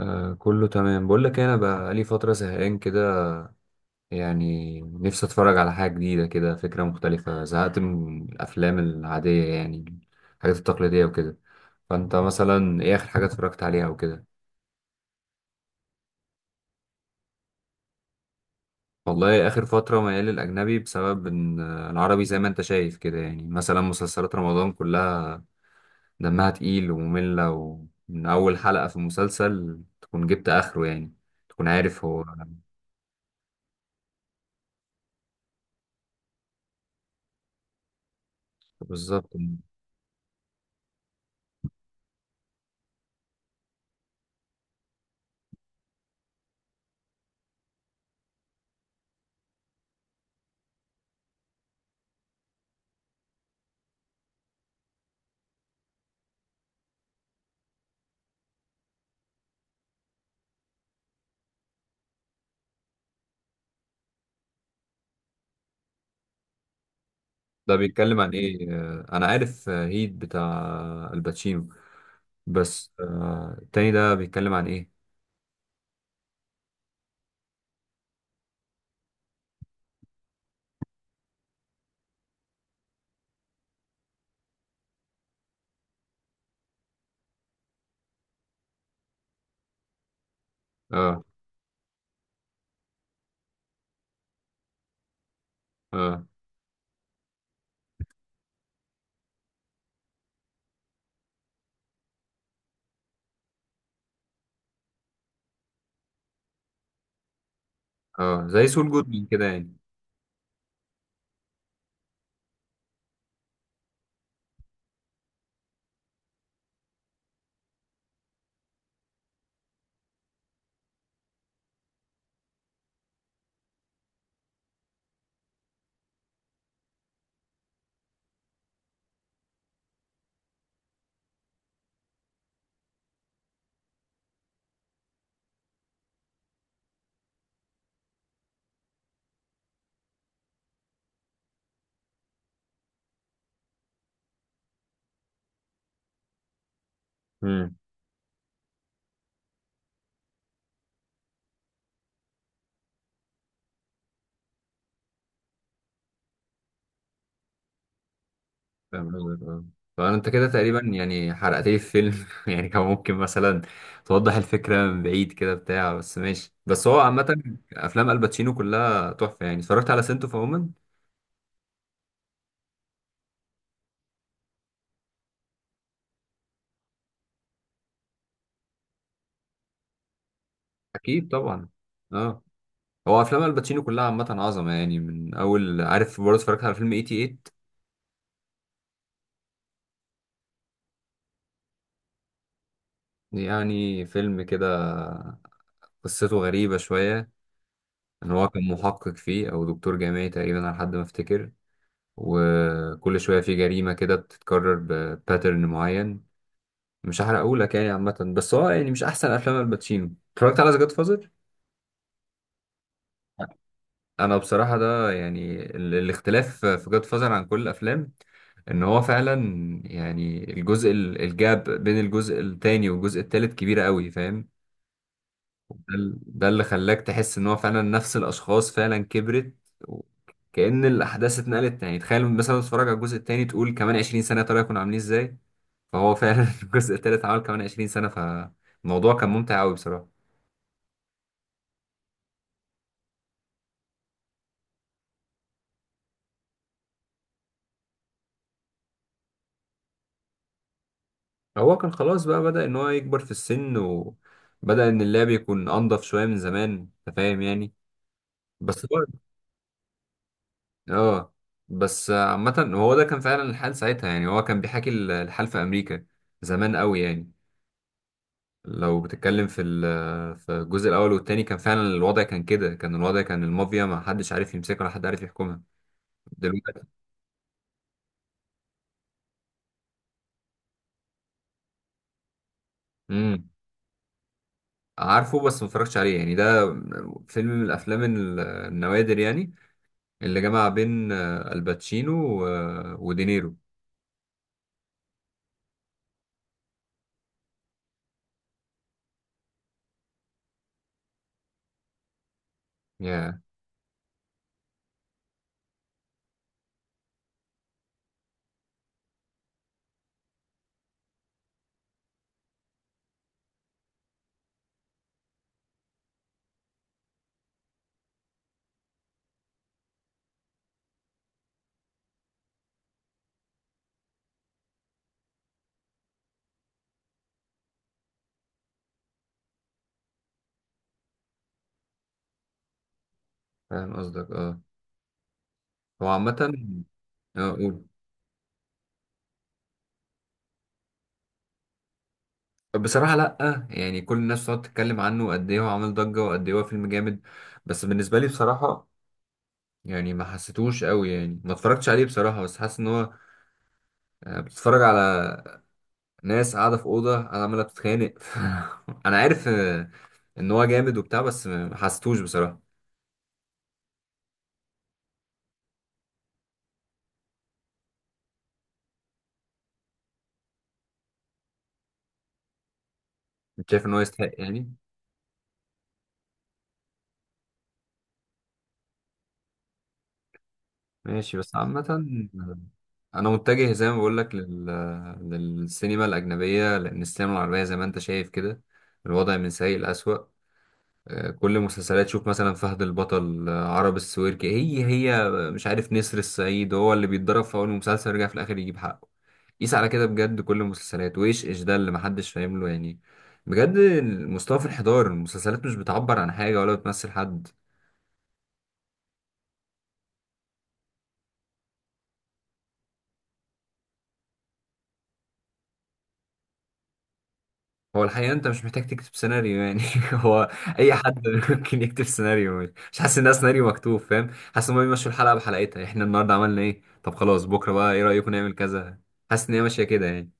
آه، كله تمام. بقول لك إيه، انا بقالي فتره زهقان كده. يعني نفسي اتفرج على حاجه جديده كده، فكره مختلفه. زهقت من الافلام العاديه يعني الحاجات التقليديه وكده. فانت مثلا ايه اخر حاجه اتفرجت عليها وكده؟ والله اخر فتره ميال للاجنبي بسبب ان العربي زي ما انت شايف كده. يعني مثلا مسلسلات رمضان كلها دمها تقيل وممله، ومن اول حلقه في المسلسل تكون جبت اخره يعني، تكون عارف هو. بالظبط. ده بيتكلم عن ايه؟ انا عارف، هيت بتاع الباتشينو. بس التاني ده بيتكلم عن ايه؟ اه. اه. اه، زي سول جودمان كده يعني. امم. فاهم قصدك اه. فانت كده تقريبا يعني حرقت لي الفيلم يعني كان ممكن مثلا توضح الفكره من بعيد كده بتاع. بس ماشي، بس هو عامه افلام الباتشينو كلها تحفه يعني. اتفرجت على سنتو فومن. اكيد طبعا. اه. هو افلام الباتشينو كلها عامه عظمه يعني. من اول، عارف، برضه اتفرجت على فيلم 88. يعني فيلم كده قصته غريبة شوية، إن هو كان محقق فيه أو دكتور جامعي تقريبا على حد ما أفتكر. وكل شوية في جريمة كده بتتكرر بباترن معين. مش هحرقهولك يعني، عامة بس هو يعني مش أحسن أفلام الباتشينو. اتفرجت على جاد فازر؟ أنا بصراحة ده يعني الاختلاف في جاد فازر عن كل الأفلام، إن هو فعلا يعني الجزء الجاب بين الجزء التاني والجزء التالت كبيرة قوي، فاهم؟ ده اللي خلاك تحس ان هو فعلا نفس الاشخاص فعلا كبرت، و- كأن الاحداث اتنقلت. يعني تخيل مثلا تتفرج على الجزء التاني تقول كمان 20 سنة طلعوا يكونوا عاملين ازاي. فهو فعلا الجزء التالت عمل كمان 20 سنة، فالموضوع كان ممتع قوي بصراحة. هو كان خلاص بقى بدأ ان هو يكبر في السن، وبدأ ان اللعب يكون انضف شوية من زمان، انت فاهم يعني. بس هو اه. بس عامة هو ده كان فعلا الحال ساعتها. يعني هو كان بيحكي الحال في امريكا زمان قوي يعني. لو بتتكلم في في الجزء الاول والتاني كان فعلا الوضع كان كده. كان الوضع كان المافيا ما حدش عارف يمسكها ولا حد عارف يحكمها دلوقتي. امم. عارفه بس ما اتفرجتش عليه يعني. ده فيلم من الافلام النوادر يعني، اللي جمع بين الباتشينو ودينيرو. يا. فاهم قصدك اه. هو عامة اه قول. بصراحة لأ، يعني كل الناس بتقعد تتكلم عنه قد إيه هو عامل ضجة وقد إيه هو فيلم جامد، بس بالنسبة لي بصراحة يعني ما حسيتوش قوي. يعني ما اتفرجتش عليه بصراحة، بس حاسس ان هو بتتفرج على ناس قاعدة في أوضة، قاعدة عمالة بتتخانق انا عارف ان هو جامد وبتاع، بس ما حسيتوش بصراحة. مش شايف ان هو يستحق يعني. ماشي، بس عامة انا متجه زي ما بقول لك للسينما الأجنبية، لأن السينما العربية زي ما انت شايف كده الوضع من سيء لأسوأ. كل مسلسلات، شوف مثلا فهد البطل، عرب السويركي، هي هي مش عارف، نسر الصعيد هو اللي بيتضرب في اول مسلسل يرجع في الاخر يجيب حقه. قيس على كده بجد كل المسلسلات، وايش ايش ده اللي محدش فاهم له يعني. بجد المستوى في الانحدار، المسلسلات مش بتعبر عن حاجة ولا بتمثل حد. هو الحقيقة انت مش محتاج تكتب سيناريو يعني هو اي حد ممكن يكتب سيناريو. مش حاسس انها سيناريو مكتوب، فاهم؟ حاسس ان هم بيمشوا الحلقة بحلقتها، احنا النهاردة عملنا ايه، طب خلاص بكرة بقى ايه رأيكم نعمل كذا. حاسس ان هي ماشية كده يعني.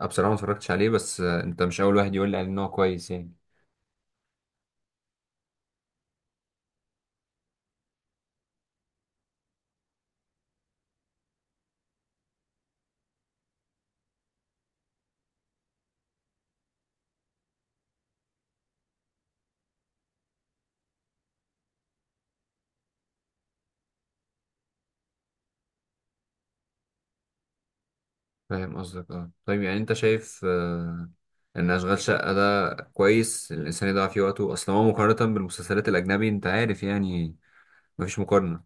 أنا بصراحة ما اتفرجتش عليه، بس أنت مش أول واحد يقول لي عليه إن هو كويس يعني. فاهم قصدك أه. طيب يعني أنت شايف إن أشغال شقة ده كويس الإنسان يضيع فيه وقته؟ أصل هو مقارنة بالمسلسلات الأجنبي أنت عارف يعني مفيش مقارنة.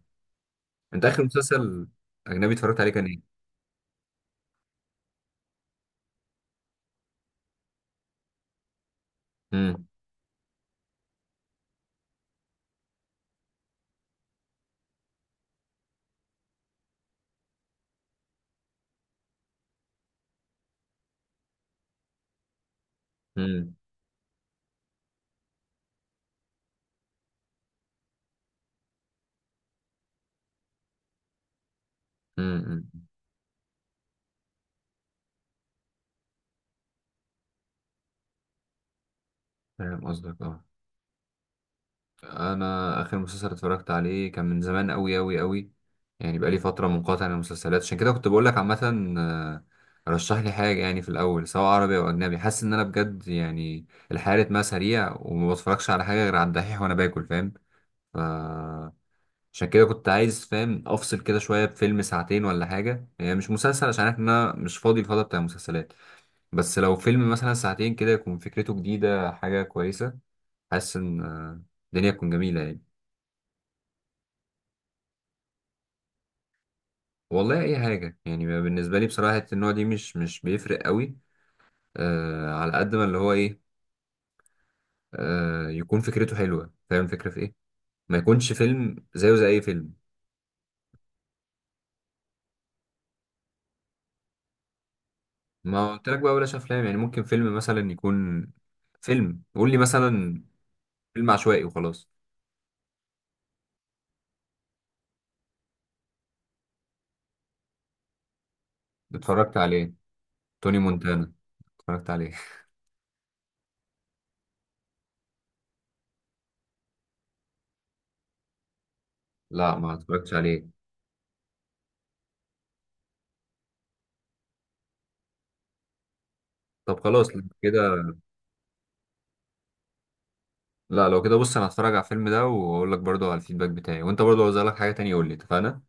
أنت آخر مسلسل أجنبي اتفرجت عليه كان إيه؟ امم. امم. امم. فاهم قصدك أه. انا اخر مسلسل اتفرجت عليه كان من زمان قوي قوي قوي. يعني بقالي فتره منقطع عن المسلسلات، عشان كده كنت بقول لك عامه آه، رشح لي حاجه يعني في الاول، سواء عربي او اجنبي. حاسس ان انا بجد يعني الحياه رتمها سريع، وما بتفرجش على حاجه غير على الدحيح وانا باكل، فاهم؟ ف عشان كده كنت عايز، فاهم، افصل كده شويه بفيلم ساعتين ولا حاجه، يعني مش مسلسل عشان عارف ان انا مش فاضي الفتره بتاع المسلسلات. بس لو فيلم مثلا ساعتين كده يكون فكرته جديده حاجه كويسه، حاسس ان الدنيا تكون جميله يعني. والله اي حاجه يعني، بالنسبه لي بصراحه حتة النوع دي مش بيفرق قوي. آه، على قد ما اللي هو ايه، آه، يكون فكرته حلوه، فاهم الفكره في ايه. ما يكونش فيلم زيه زي اي فيلم. ما قلت لك بقى بلاش افلام، يعني ممكن فيلم مثلا يكون فيلم، قول لي مثلا فيلم عشوائي وخلاص. اتفرجت عليه، توني مونتانا. اتفرجت عليه. لا ما اتفرجتش عليه. طب خلاص لو كده. لا لو كده، بص انا هتفرج على الفيلم ده واقول لك برضو على الفيدباك بتاعي، وانت برضو لو لك حاجه تانية قول لي، اتفقنا.